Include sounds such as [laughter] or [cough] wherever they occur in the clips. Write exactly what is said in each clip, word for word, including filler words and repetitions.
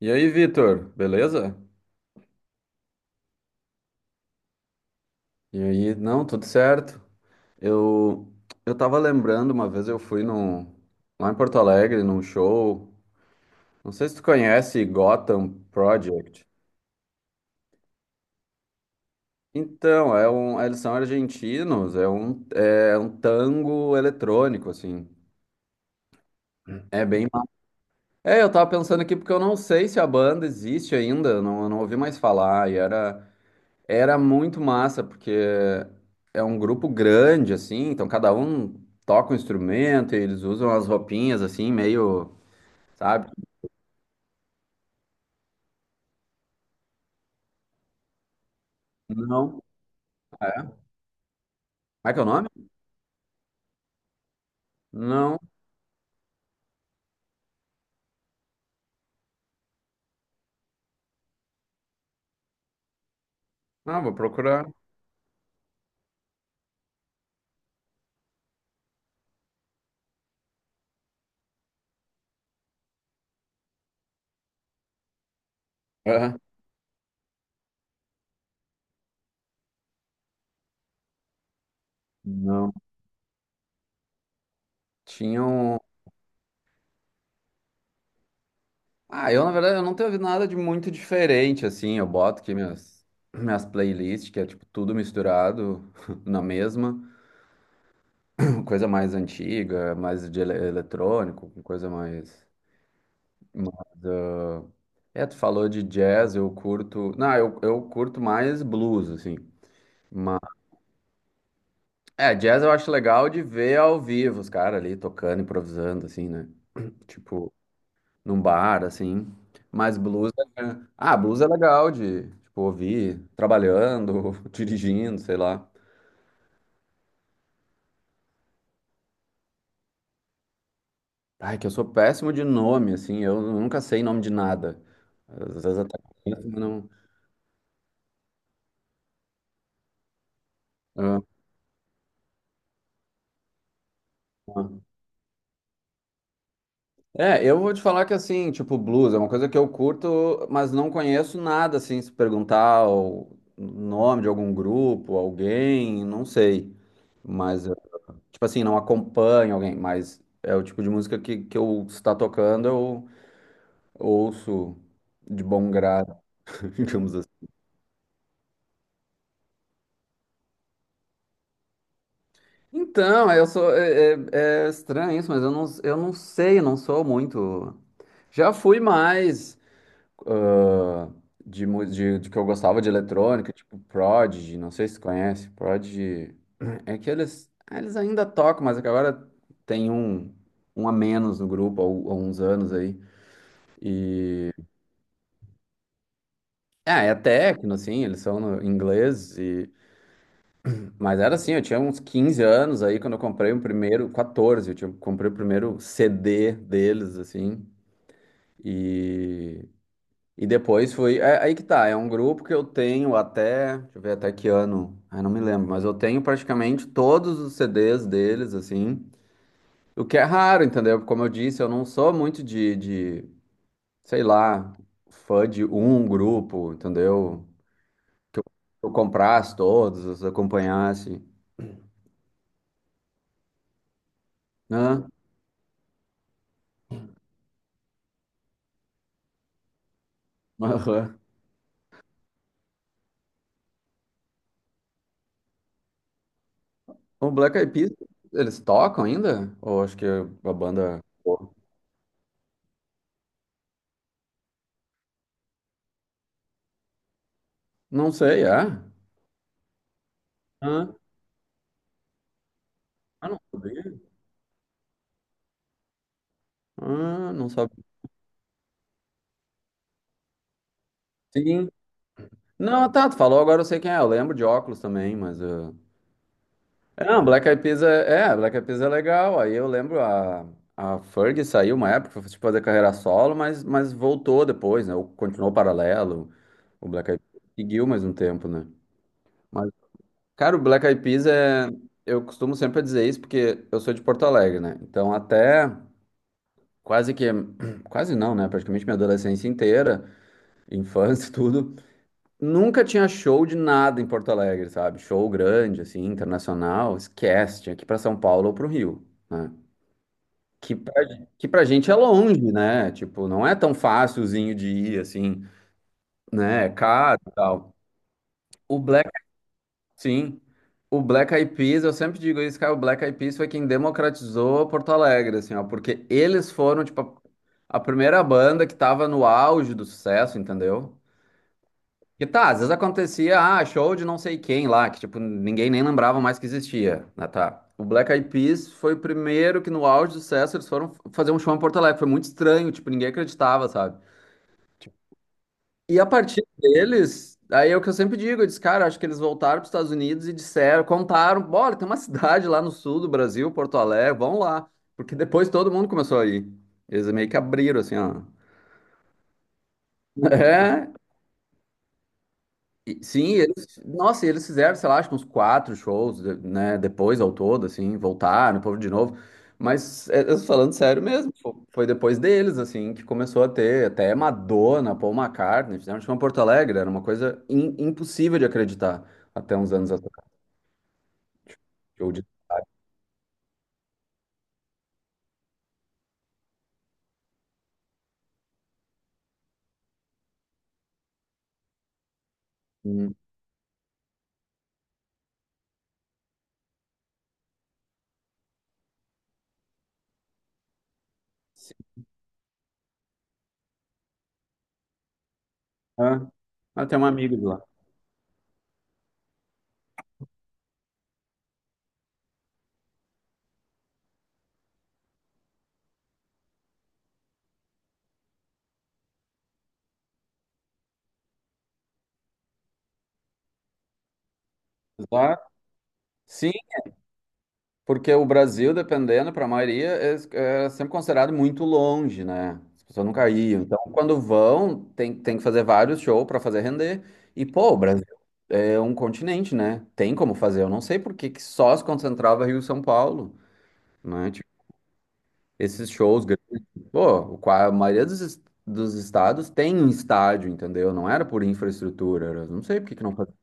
E aí, Vitor, beleza? E aí, não, tudo certo. Eu eu tava lembrando, uma vez eu fui num, lá em Porto Alegre, num show. Não sei se tu conhece Gotham Project. Então, é um, eles são argentinos, é um, é um tango eletrônico, assim. É bem. ma- É, eu tava pensando aqui porque eu não sei se a banda existe ainda, eu não, eu não ouvi mais falar. E era, era muito massa, porque é um grupo grande, assim, então cada um toca um instrumento e eles usam as roupinhas, assim, meio, sabe? Não. Como é que é o nome? Não. Não, vou procurar. Aham. Não. Tinham. Ah, eu, na verdade, eu não tenho ouvido nada de muito diferente, assim. Eu boto aqui minhas, minhas playlists, que é, tipo, tudo misturado [laughs] na mesma. Coisa mais antiga, mais de ele- eletrônico, coisa mais. Mas, ah, é, tu falou de jazz, eu curto. Não, eu, eu curto mais blues, assim. Mas, é, jazz eu acho legal de ver ao vivo os caras ali tocando, improvisando, assim, né? Tipo, num bar, assim. Mas blues é... Ah, blues é legal de, tipo, ouvir trabalhando, [laughs] dirigindo, sei lá. Ai, que eu sou péssimo de nome, assim, eu nunca sei nome de nada. Às vezes até conheço, mas não. Ah, é, eu vou te falar que assim, tipo, blues é uma coisa que eu curto, mas não conheço nada, assim, se perguntar o nome de algum grupo, alguém, não sei. Mas, eu, tipo assim, não acompanho alguém, mas é o tipo de música que, que eu está tocando, eu ouço de bom grado, [laughs] digamos assim. Então, eu sou, é, é- é estranho isso, mas eu não, eu não sei, eu não sou muito. Já fui mais. Ah, de, mu- de, de que eu gostava de eletrônica, tipo Prodigy, não sei se tu conhece, Prodigy. [clears throat] É que eles, eles ainda tocam, mas é que agora tem um, um a menos no grupo, há u- há uns anos aí. É, é techno, assim, eles são no inglês, e... mas era assim, eu tinha uns quinze anos aí quando eu comprei o primeiro, quatorze, eu tinha, comprei o primeiro C D deles, assim, e E depois fui. É, aí que tá, é um grupo que eu tenho até. Deixa eu ver até que ano. Ah, não me lembro, mas eu tenho praticamente todos os C Ds deles, assim. O que é raro, entendeu? Como eu disse, eu não sou muito de, de, sei lá, fã de um grupo, entendeu? Eu comprasse todos, eu acompanhasse. Né? Aham. O Black Eyed Peas, eles tocam ainda? Ou acho que a banda. Não sei, é? Ah, ah, não sabia. Ah, não sabia. Sim. Não, tá, tu falou, agora eu sei quem é. Eu lembro de óculos também, mas. eu- É, não, Black Eyed Peas é, é, Black Eyed Peas é legal. Aí eu lembro a, a Fergie saiu uma época, foi tipo, fazer carreira solo, mas, mas voltou depois, né? Ou continuou paralelo. O Black Eyed Peas seguiu mais um tempo, né? Mas, cara, o Black Eyed Peas é. Eu costumo sempre dizer isso porque eu sou de Porto Alegre, né? Então, até quase que. [clears throat] Quase não, né? Praticamente minha adolescência inteira, infância [laughs] e tudo. Nunca tinha show de nada em Porto Alegre, sabe? Show grande, assim, internacional, esquece, tinha que ir pra São Paulo ou pro Rio, né? Que pra, que pra gente é longe, né? Tipo, não é tão fácilzinho de ir, assim, né? É caro e tal. O Black, sim, o Black Eyed Peas, eu sempre digo isso, cara, o Black Eyed Peas foi quem democratizou Porto Alegre, assim, ó, porque eles foram, tipo, a a primeira banda que tava no auge do sucesso, entendeu? E tá, às vezes acontecia, ah, show de não sei quem lá, que tipo, ninguém nem lembrava mais que existia, né, tá? O Black Eyed Peas foi o primeiro que no auge do sucesso eles foram fazer um show em Porto Alegre, foi muito estranho, tipo, ninguém acreditava, sabe? E a partir deles, aí é o que eu sempre digo, eu disse, cara, acho que eles voltaram para os Estados Unidos e disseram, contaram, bora, tem uma cidade lá no sul do Brasil, Porto Alegre, vão lá, porque depois todo mundo começou a ir. Eles meio que abriram, assim, ó. [laughs] E- Sim, eles, nossa, e eles fizeram, sei lá, acho que uns quatro shows, de- né, depois ao todo, assim, voltaram, o povo de novo. Mas, é, eu tô falando sério mesmo, fo- foi depois deles, assim, que começou a ter até Madonna, Paul McCartney, fizeram show em Porto Alegre, era uma coisa im- impossível de acreditar até uns anos atrás. show de- Hum, sim. Ah, ah, tem um amigo de lá. Lá? Sim, porque o Brasil, dependendo, para a maioria, é, é sempre considerado muito longe, né? As pessoas nunca iam. Então, quando vão, tem, tem que fazer vários shows para fazer render. E, pô, o Brasil é um continente, né? Tem como fazer. Eu não sei por que que só se concentrava Rio e São Paulo, né? Tipo, esses shows grandes. Pô, o qua- a maioria dos, es- dos estados tem um estádio, entendeu? Não era por infraestrutura. Era, não sei por que que não fazia.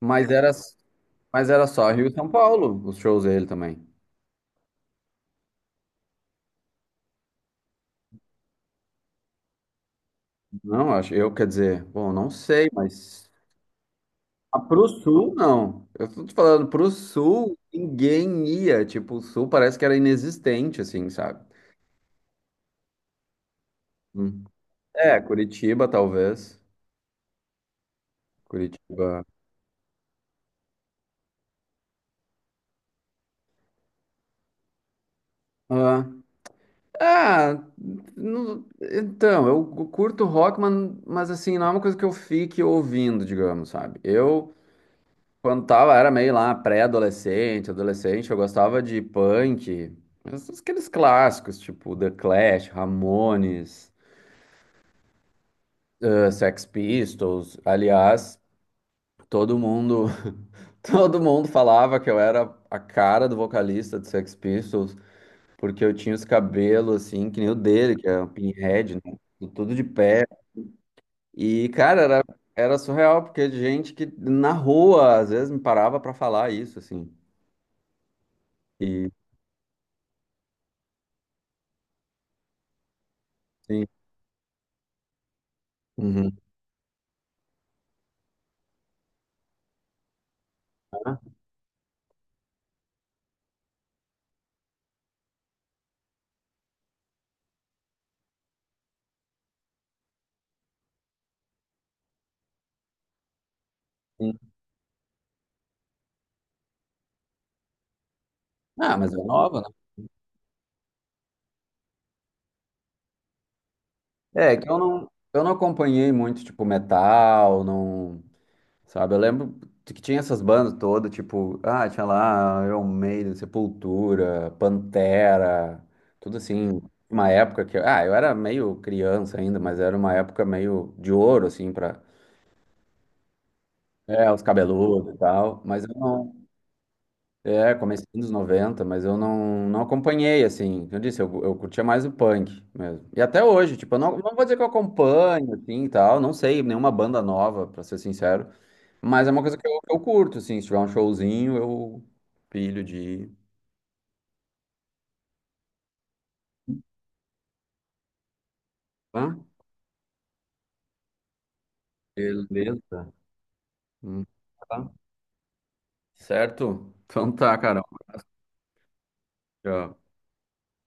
Mas era, mas era só Rio e São Paulo, os shows dele também. Não, acho, eu quer dizer, bom, não sei, mas ah, pro sul, não. Eu tô te falando, pro sul, ninguém ia. Tipo, o sul parece que era inexistente, assim, sabe? Hum. É, Curitiba, talvez. Curitiba. Ah, ah, não- então, eu curto rock, mas, mas assim, não é uma coisa que eu fique ouvindo, digamos, sabe? Eu quando tava, era meio lá pré-adolescente, adolescente, eu gostava de punk, esses- aqueles clássicos, tipo The Clash, Ramones, eh, Sex Pistols. Aliás, todo mundo, [laughs] todo mundo falava que eu era a cara do vocalista de Sex Pistols, porque eu tinha os cabelos assim, que nem o dele, que é um pinhead, né? Tudo de pé. E, cara, era, era surreal, porque gente que na rua às vezes me parava pra falar isso, assim. E, sim. Uhum. Ah, mas é nova, né? É que eu É. Não, eu não acompanhei muito, tipo, metal, não. Sabe, eu lembro que tinha essas bandas todas, tipo, ah, tinha lá Iron Maiden, Sepultura, Pantera, tudo assim. Uma época que, ah, eu era meio criança ainda, mas era uma época meio de ouro, assim, pra, é, os cabeludos e tal. Mas eu não, é, comecei nos noventa, mas eu não, não acompanhei, assim. Eu disse, eu, eu curtia mais o punk mesmo. E até hoje, tipo, eu não, não vou dizer que eu acompanho, assim, e tal. Não sei nenhuma banda nova, pra ser sincero. Mas é uma coisa que eu, que eu curto, assim. Se tiver um showzinho, eu pilho de ir. Hã? Beleza. Hum, tá. Certo? Então tá, Carol. Tchau.